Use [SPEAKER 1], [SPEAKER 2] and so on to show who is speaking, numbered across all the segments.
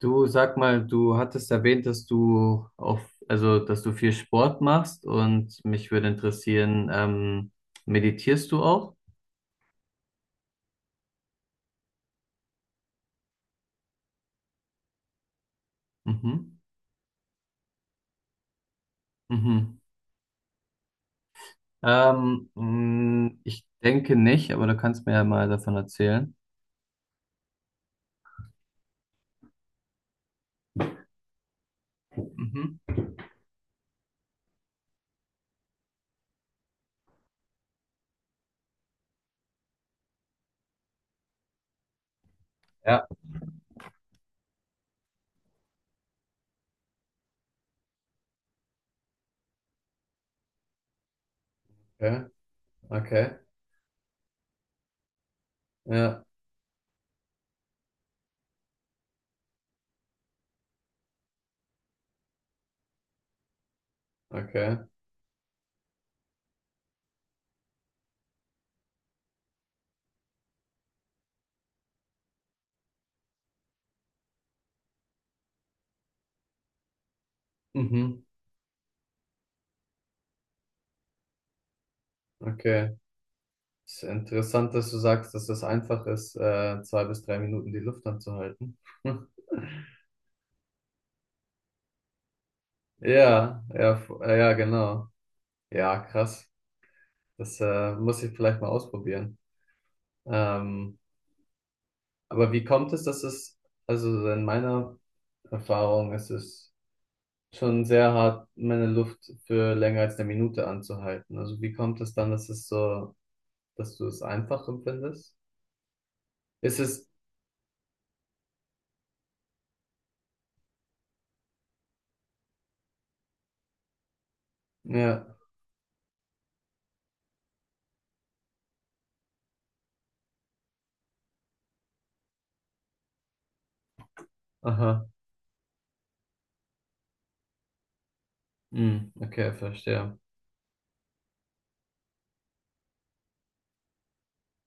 [SPEAKER 1] Du sag mal, du hattest erwähnt, dass du auf, also dass du viel Sport machst und mich würde interessieren, meditierst du auch? Mhm. Mhm. Ich denke nicht, aber du kannst mir ja mal davon erzählen. Mhm. Ja, okay, okay, ja, okay, mhm. Okay. Ist interessant, dass du sagst, dass es einfach ist, zwei bis drei Minuten die Luft anzuhalten. Ja, ja, ja, genau. Ja, krass. Das muss ich vielleicht mal ausprobieren. Ähm, aber wie kommt es, dass es, also in meiner Erfahrung ist es schon sehr hart, meine Luft für länger als eine Minute anzuhalten. Also wie kommt es dann, dass es so, dass du es einfach empfindest? Ist es, ja, aha, hm, okay, verstehe.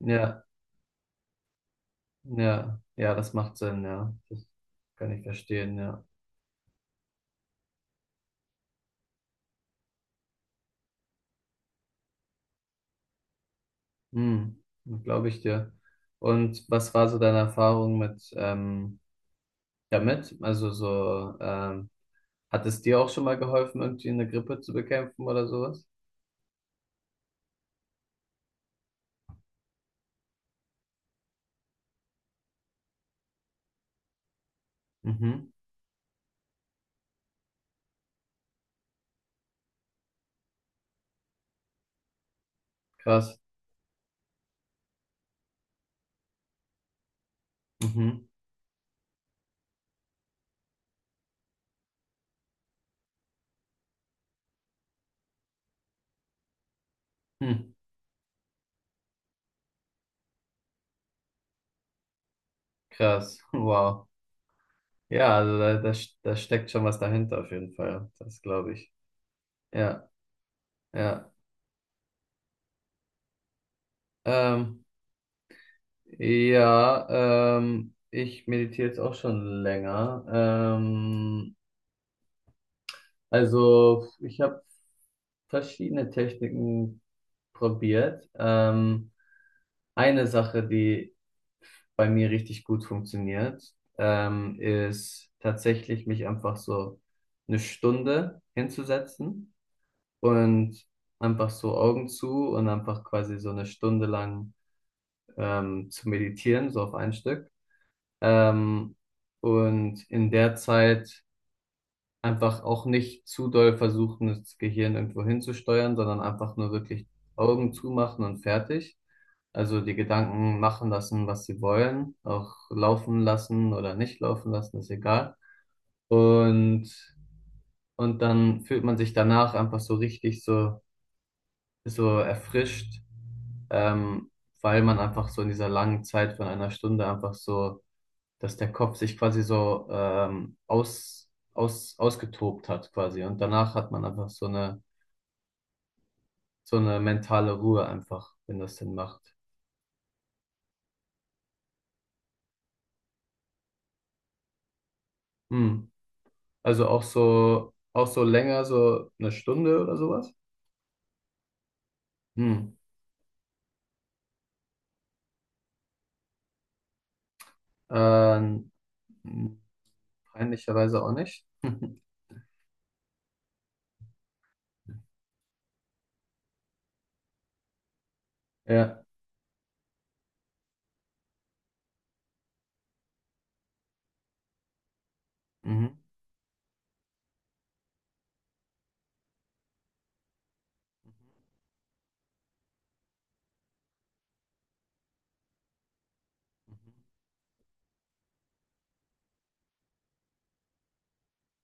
[SPEAKER 1] Ja, ja, ja, das macht Sinn, ja. Das kann ich verstehen, ja. Hm, glaube ich dir. Und was war so deine Erfahrung mit, damit? Also so, hat es dir auch schon mal geholfen, irgendwie eine Grippe zu bekämpfen oder sowas? Mhm. Krass. Mhm. Hm. Krass. Wow. Ja, also da steckt schon was dahinter auf jeden Fall. Das glaube ich. Ja, ja. Ähm, ja, ich meditiere jetzt auch schon länger. Also ich habe verschiedene Techniken probiert. Eine Sache, die bei mir richtig gut funktioniert, ist tatsächlich mich einfach so eine Stunde hinzusetzen und einfach so Augen zu und einfach quasi so eine Stunde lang zu meditieren, so auf ein Stück. Ähm, und in der Zeit einfach auch nicht zu doll versuchen, das Gehirn irgendwo hinzusteuern, sondern einfach nur wirklich Augen zumachen und fertig. Also die Gedanken machen lassen, was sie wollen, auch laufen lassen oder nicht laufen lassen, ist egal. Und, und dann fühlt man sich danach einfach so richtig so, so erfrischt, ähm, weil man einfach so in dieser langen Zeit von einer Stunde einfach so dass der Kopf sich quasi so ausgetobt hat quasi. Und danach hat man einfach so eine mentale Ruhe einfach, wenn das denn macht. Hm. Also auch so länger, so eine Stunde oder sowas. Hm. Ähm, Peinlicherweise auch nicht. Ja. Mhm.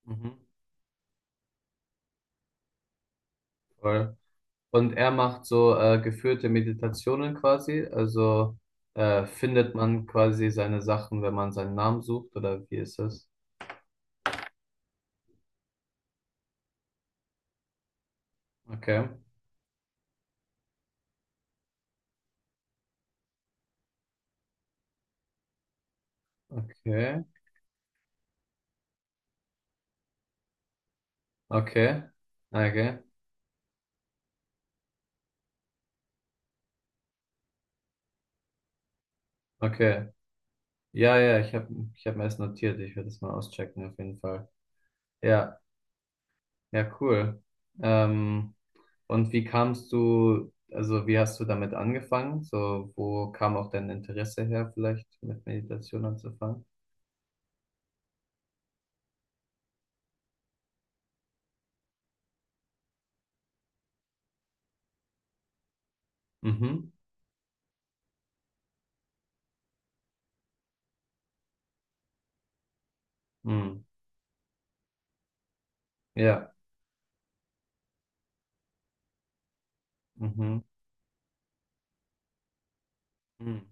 [SPEAKER 1] Mhm. Mhm. Mhm. Voll. Und er macht so geführte Meditationen quasi. Also findet man quasi seine Sachen, wenn man seinen Namen sucht, oder wie ist das? Okay, okay, okay, okay, okay. Ja, ja, ich hab mir das notiert. Ich werde das mal auschecken auf jeden Fall. Ja, ja, cool. Ähm, und wie kamst du, also wie hast du damit angefangen? So, wo kam auch dein Interesse her, vielleicht mit Meditation anzufangen? Mhm, mhm, ja. Mhm. Mhm.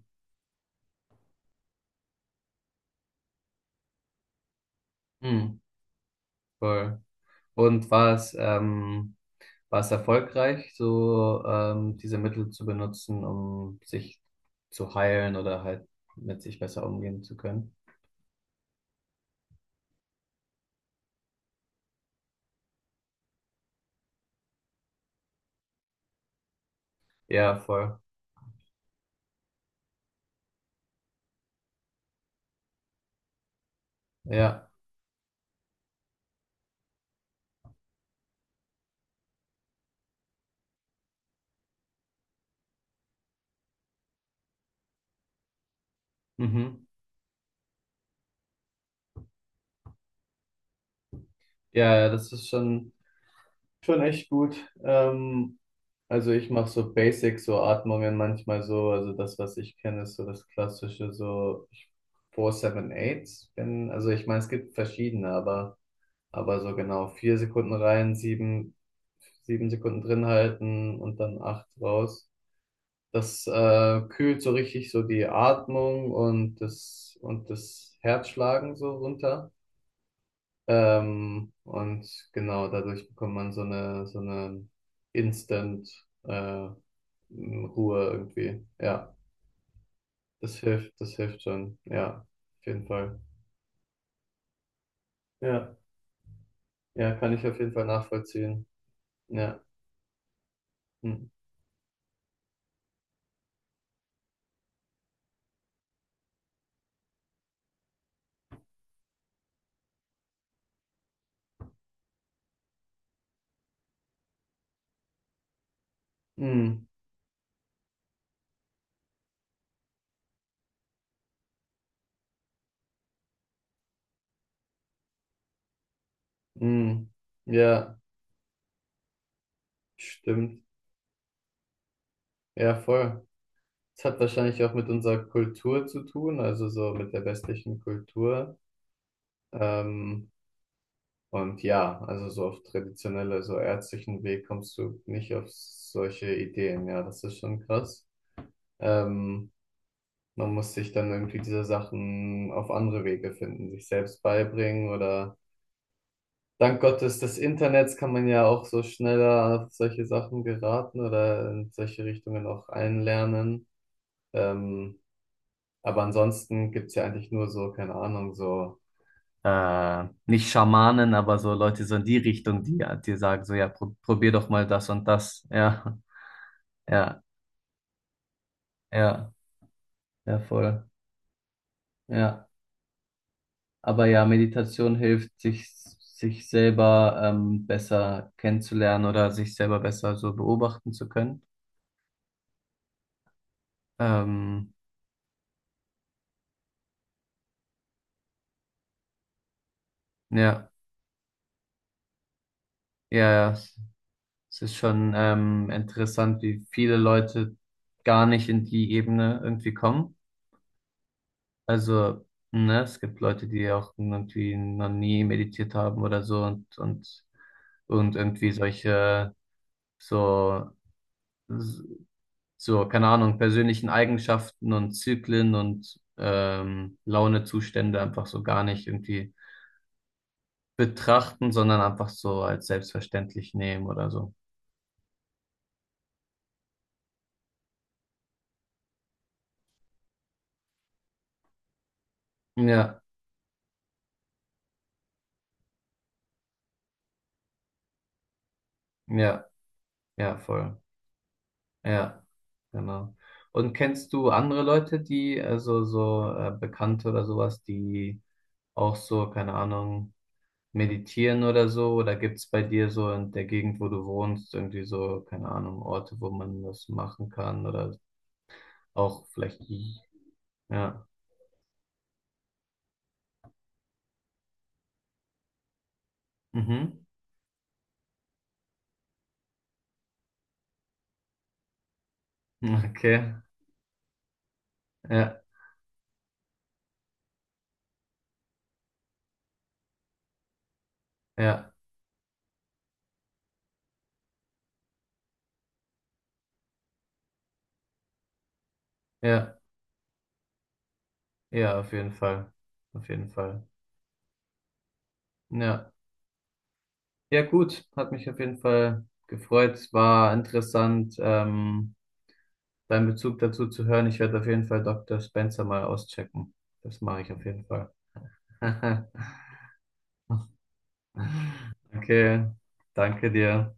[SPEAKER 1] Mhm. Voll. Und war es erfolgreich, so diese Mittel zu benutzen, um sich zu heilen oder halt mit sich besser umgehen zu können? Ja, voll. Ja. Mhm. Ja, ja, das ist schon echt gut. Ähm, also ich mache so Basic, so Atmungen manchmal so. Also das, was ich kenne, ist so das klassische, so 4-7-8. Also ich meine, es gibt verschiedene, aber. Aber so genau vier Sekunden rein, sieben Sekunden drin halten und dann acht raus. Das kühlt so richtig so die Atmung und und das Herzschlagen so runter. Und genau dadurch bekommt man so eine Instant äh, Ruhe irgendwie. Ja, das hilft schon. Ja, auf jeden Fall. Ja, ja, kann ich auf jeden Fall nachvollziehen. Ja. Hm. Hm. Hm, ja, stimmt. Ja, voll. Es hat wahrscheinlich auch mit unserer Kultur zu tun, also so mit der westlichen Kultur. Ähm, und ja, also so auf traditionelle, so ärztlichen Weg kommst du nicht auf solche Ideen. Ja, das ist schon krass. Ähm, Man muss sich dann irgendwie diese Sachen auf andere Wege finden, sich selbst beibringen oder dank Gottes des Internets kann man ja auch so schneller auf solche Sachen geraten oder in solche Richtungen auch einlernen. Ähm, aber ansonsten gibt's ja eigentlich nur so, keine Ahnung, so, nicht Schamanen, aber so Leute so in die Richtung, die, die sagen so, ja, probier doch mal das und das. Ja, ja, ja, ja, voll. Ja. Aber ja, Meditation hilft, sich selber besser kennenzulernen oder sich selber besser so beobachten zu können. Ähm, ja, ja, ja. Es ist schon interessant, wie viele Leute gar nicht in die Ebene irgendwie kommen. Also, ne, es gibt Leute, die auch irgendwie noch nie meditiert haben oder so und, und irgendwie solche, so, so, keine Ahnung, persönlichen Eigenschaften und Zyklen und Launezustände einfach so gar nicht irgendwie betrachten, sondern einfach so als selbstverständlich nehmen oder so. Ja, ja, ja, voll. Ja, genau. Und kennst du andere Leute, die, also so Bekannte oder sowas, die auch so, keine Ahnung, meditieren oder so? Oder gibt's bei dir so in der Gegend, wo du wohnst, irgendwie so, keine Ahnung, Orte, wo man das machen kann? Oder auch vielleicht, ja. Mhm. Okay. Ja, ja, ja, ja, auf jeden Fall. Auf jeden Fall. Ja. Ja, gut. Hat mich auf jeden Fall gefreut. Es war interessant. Deinen Bezug dazu zu hören. Ich werde auf jeden Fall Dr. Spencer mal auschecken. Das mache ich auf jeden Fall. Okay, danke dir.